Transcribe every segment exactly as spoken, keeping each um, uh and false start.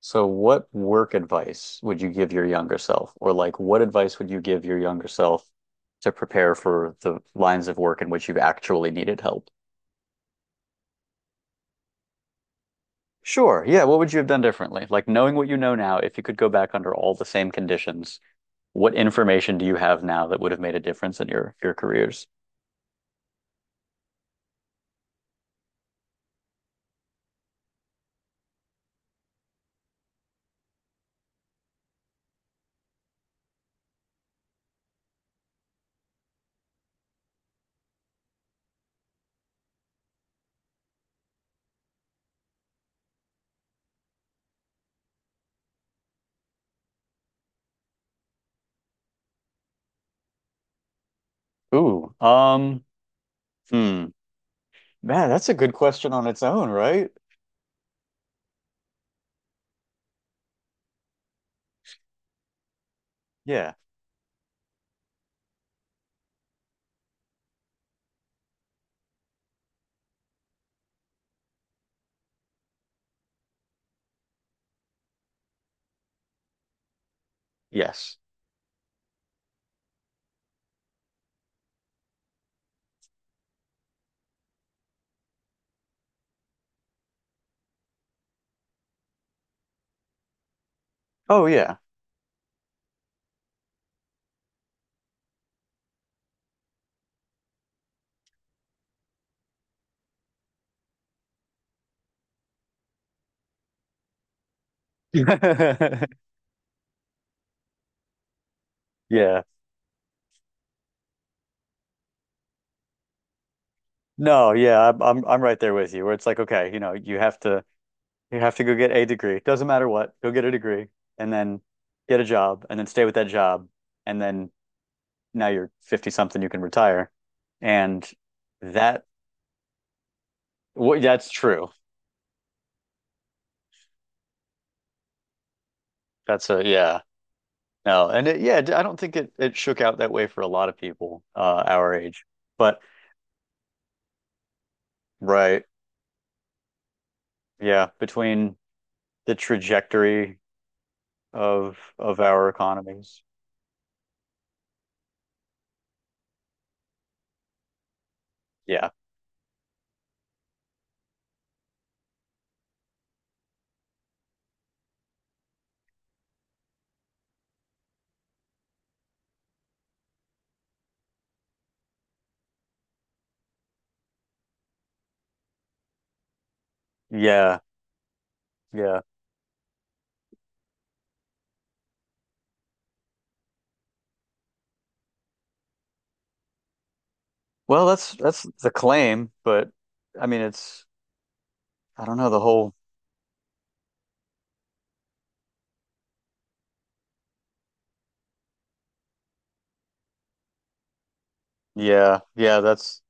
So what work advice would you give your younger self? Or like What advice would you give your younger self to prepare for the lines of work in which you've actually needed help? Sure. Yeah, what would you have done differently? Like knowing what you know now, if you could go back under all the same conditions, what information do you have now that would have made a difference in your your careers? Ooh, um, hmm. Man, that's a good question on its own, right? Yeah. Yes. Oh yeah. Yeah. No, yeah, I'm I'm I'm right there with you. Where it's like, okay, you know, you have to you have to go get a degree. Doesn't matter what, go get a degree and then get a job and then stay with that job and then now you're fifty something, you can retire. And that what that's true. That's a yeah. No, and it, yeah, I don't think it it shook out that way for a lot of people uh our age. But right, yeah, between the trajectory of of our economies. Yeah. Yeah. Yeah. Well, that's that's the claim, but I mean, it's I don't know the whole. Yeah, yeah, that's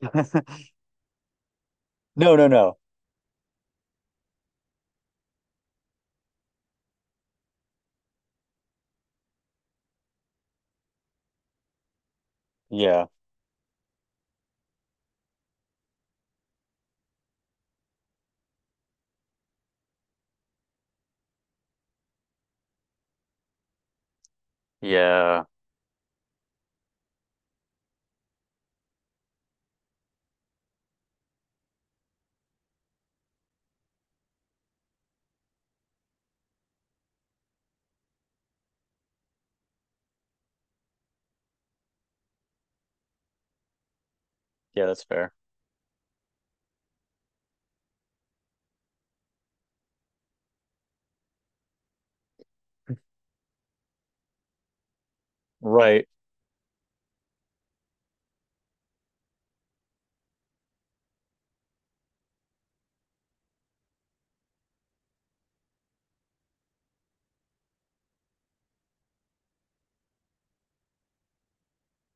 no, no, no. Yeah, yeah, yeah. That's fair. Right.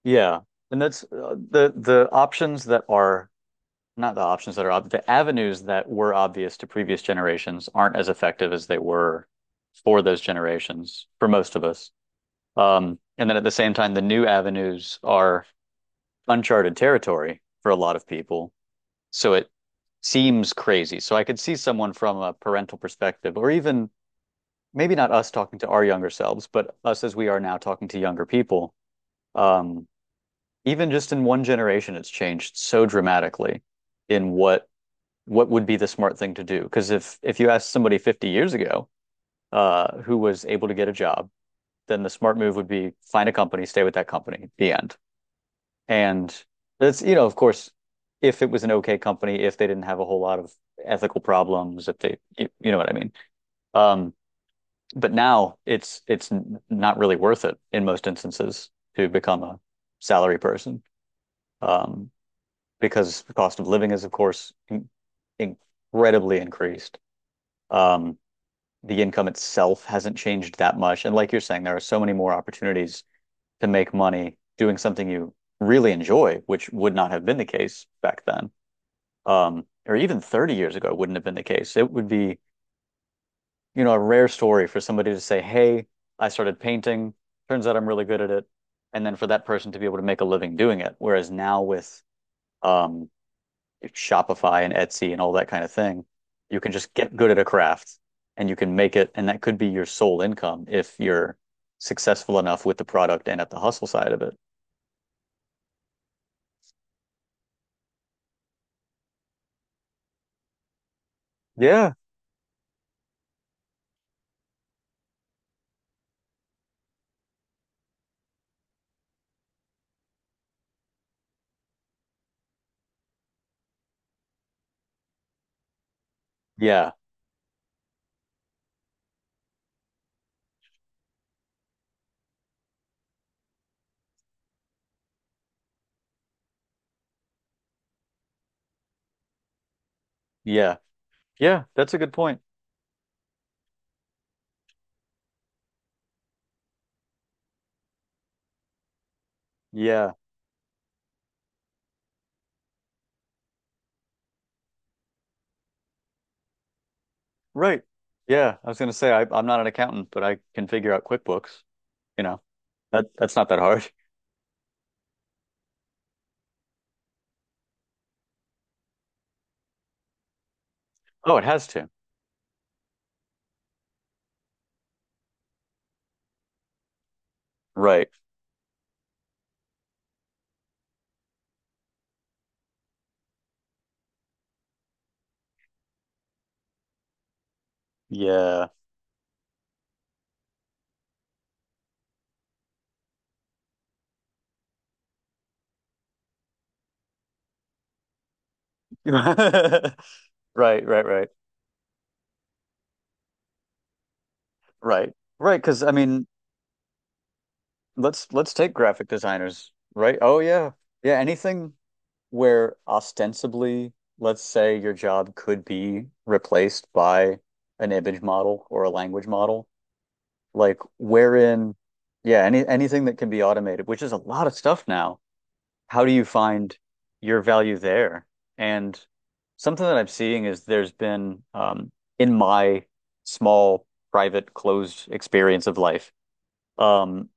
Yeah, and that's uh, the the options that are not the options that are ob the avenues that were obvious to previous generations aren't as effective as they were for those generations for most of us. Um, and then at the same time, the new avenues are uncharted territory for a lot of people. So it seems crazy. So I could see someone from a parental perspective, or even maybe not us talking to our younger selves, but us as we are now talking to younger people. Um, Even just in one generation, it's changed so dramatically in what what would be the smart thing to do. Because if if you asked somebody fifty years ago, uh, who was able to get a job, then the smart move would be find a company, stay with that company, the end. And that's, you know, of course, if it was an okay company, if they didn't have a whole lot of ethical problems, if they, you, you know what I mean. Um, but now it's it's not really worth it in most instances to become a salary person, um, because the cost of living is, of course, in- incredibly increased. Um, the income itself hasn't changed that much, and like you're saying, there are so many more opportunities to make money doing something you really enjoy, which would not have been the case back then. Um, or even thirty years ago wouldn't have been the case. It would be, you know, a rare story for somebody to say, "Hey, I started painting. Turns out I'm really good at it," and then for that person to be able to make a living doing it. Whereas now with um, Shopify and Etsy and all that kind of thing, you can just get good at a craft and you can make it, and that could be your sole income if you're successful enough with the product and at the hustle side of it. Yeah. Yeah, yeah, yeah. That's a good point. Yeah. Right. Yeah, I was gonna say I, I'm not an accountant, but I can figure out QuickBooks. You know, that that's not that hard. Oh, it has to. Right. Yeah. Right. Right. Right. Right. Right. Because I mean, let's let's take graphic designers. Right. Oh yeah. Yeah. Anything where ostensibly, let's say your job could be replaced by an image model or a language model, like wherein, yeah, any anything that can be automated, which is a lot of stuff now. How do you find your value there? And something that I'm seeing is there's been um, in my small, private, closed experience of life, um,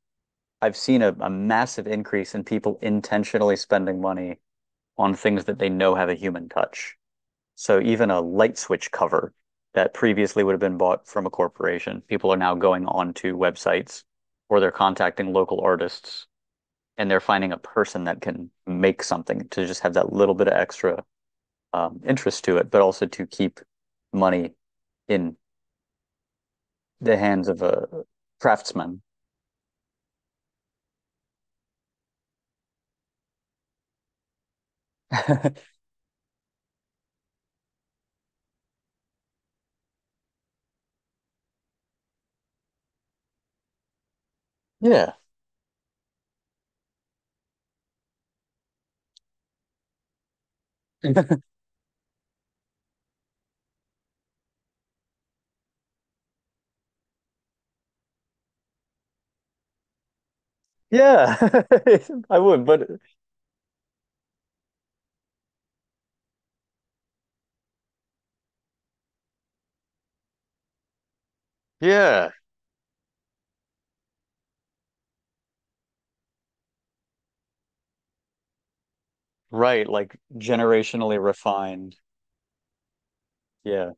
I've seen a, a massive increase in people intentionally spending money on things that they know have a human touch. So even a light switch cover that previously would have been bought from a corporation, people are now going onto websites or they're contacting local artists and they're finding a person that can make something to just have that little bit of extra um, interest to it, but also to keep money in the hands of a craftsman. yeah. yeah. I would, but yeah, right. Like generationally refined. Yeah.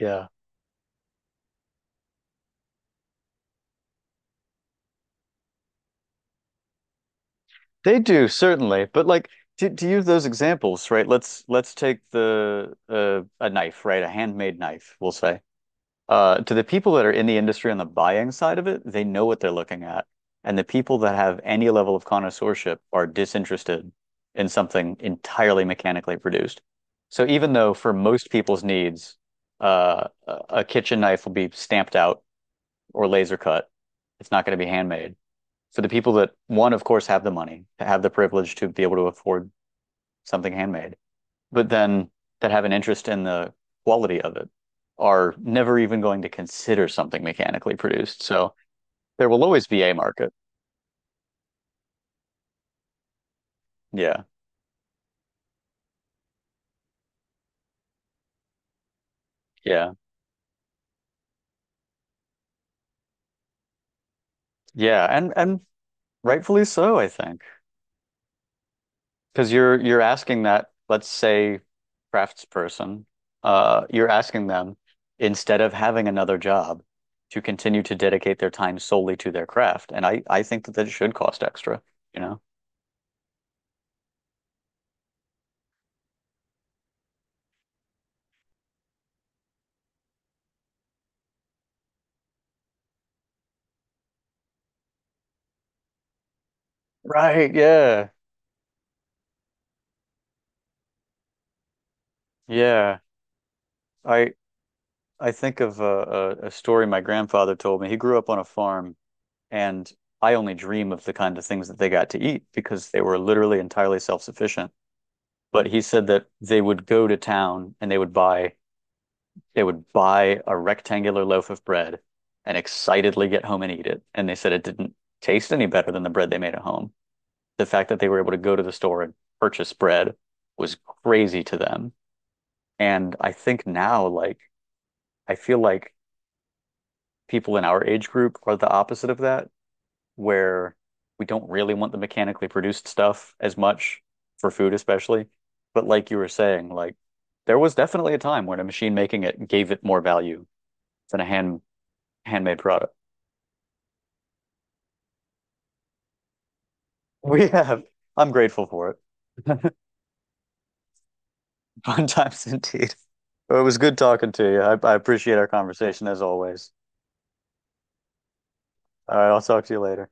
Yeah. They do certainly, but like to, to use those examples, right? Let's let's take the uh, a knife, right? A handmade knife, we'll say. Uh, to the people that are in the industry on the buying side of it, they know what they're looking at. And the people that have any level of connoisseurship are disinterested in something entirely mechanically produced. So even though for most people's needs, uh, a kitchen knife will be stamped out or laser cut, it's not going to be handmade. So the people that, one, of course, have the money, have the privilege to be able to afford something handmade but then that have an interest in the quality of it are never even going to consider something mechanically produced. So there will always be a market. Yeah. Yeah. Yeah. And and rightfully so, I think. Because you're you're asking that, let's say, craftsperson, uh, you're asking them, instead of having another job, to continue to dedicate their time solely to their craft. And I, I think that that should cost extra, you know? Right, yeah. Yeah. I I think of a, a, story my grandfather told me. He grew up on a farm, and I only dream of the kind of things that they got to eat because they were literally entirely self-sufficient. But he said that they would go to town and they would buy they would buy a rectangular loaf of bread and excitedly get home and eat it. And they said it didn't taste any better than the bread they made at home. The fact that they were able to go to the store and purchase bread was crazy to them. And I think now, like, I feel like people in our age group are the opposite of that, where we don't really want the mechanically produced stuff as much for food, especially. But like you were saying, like there was definitely a time when a machine making it gave it more value than a hand handmade product. We have. I'm grateful for it. Fun times indeed. Well, it was good talking to you. I, I appreciate our conversation as always. All right, I'll talk to you later.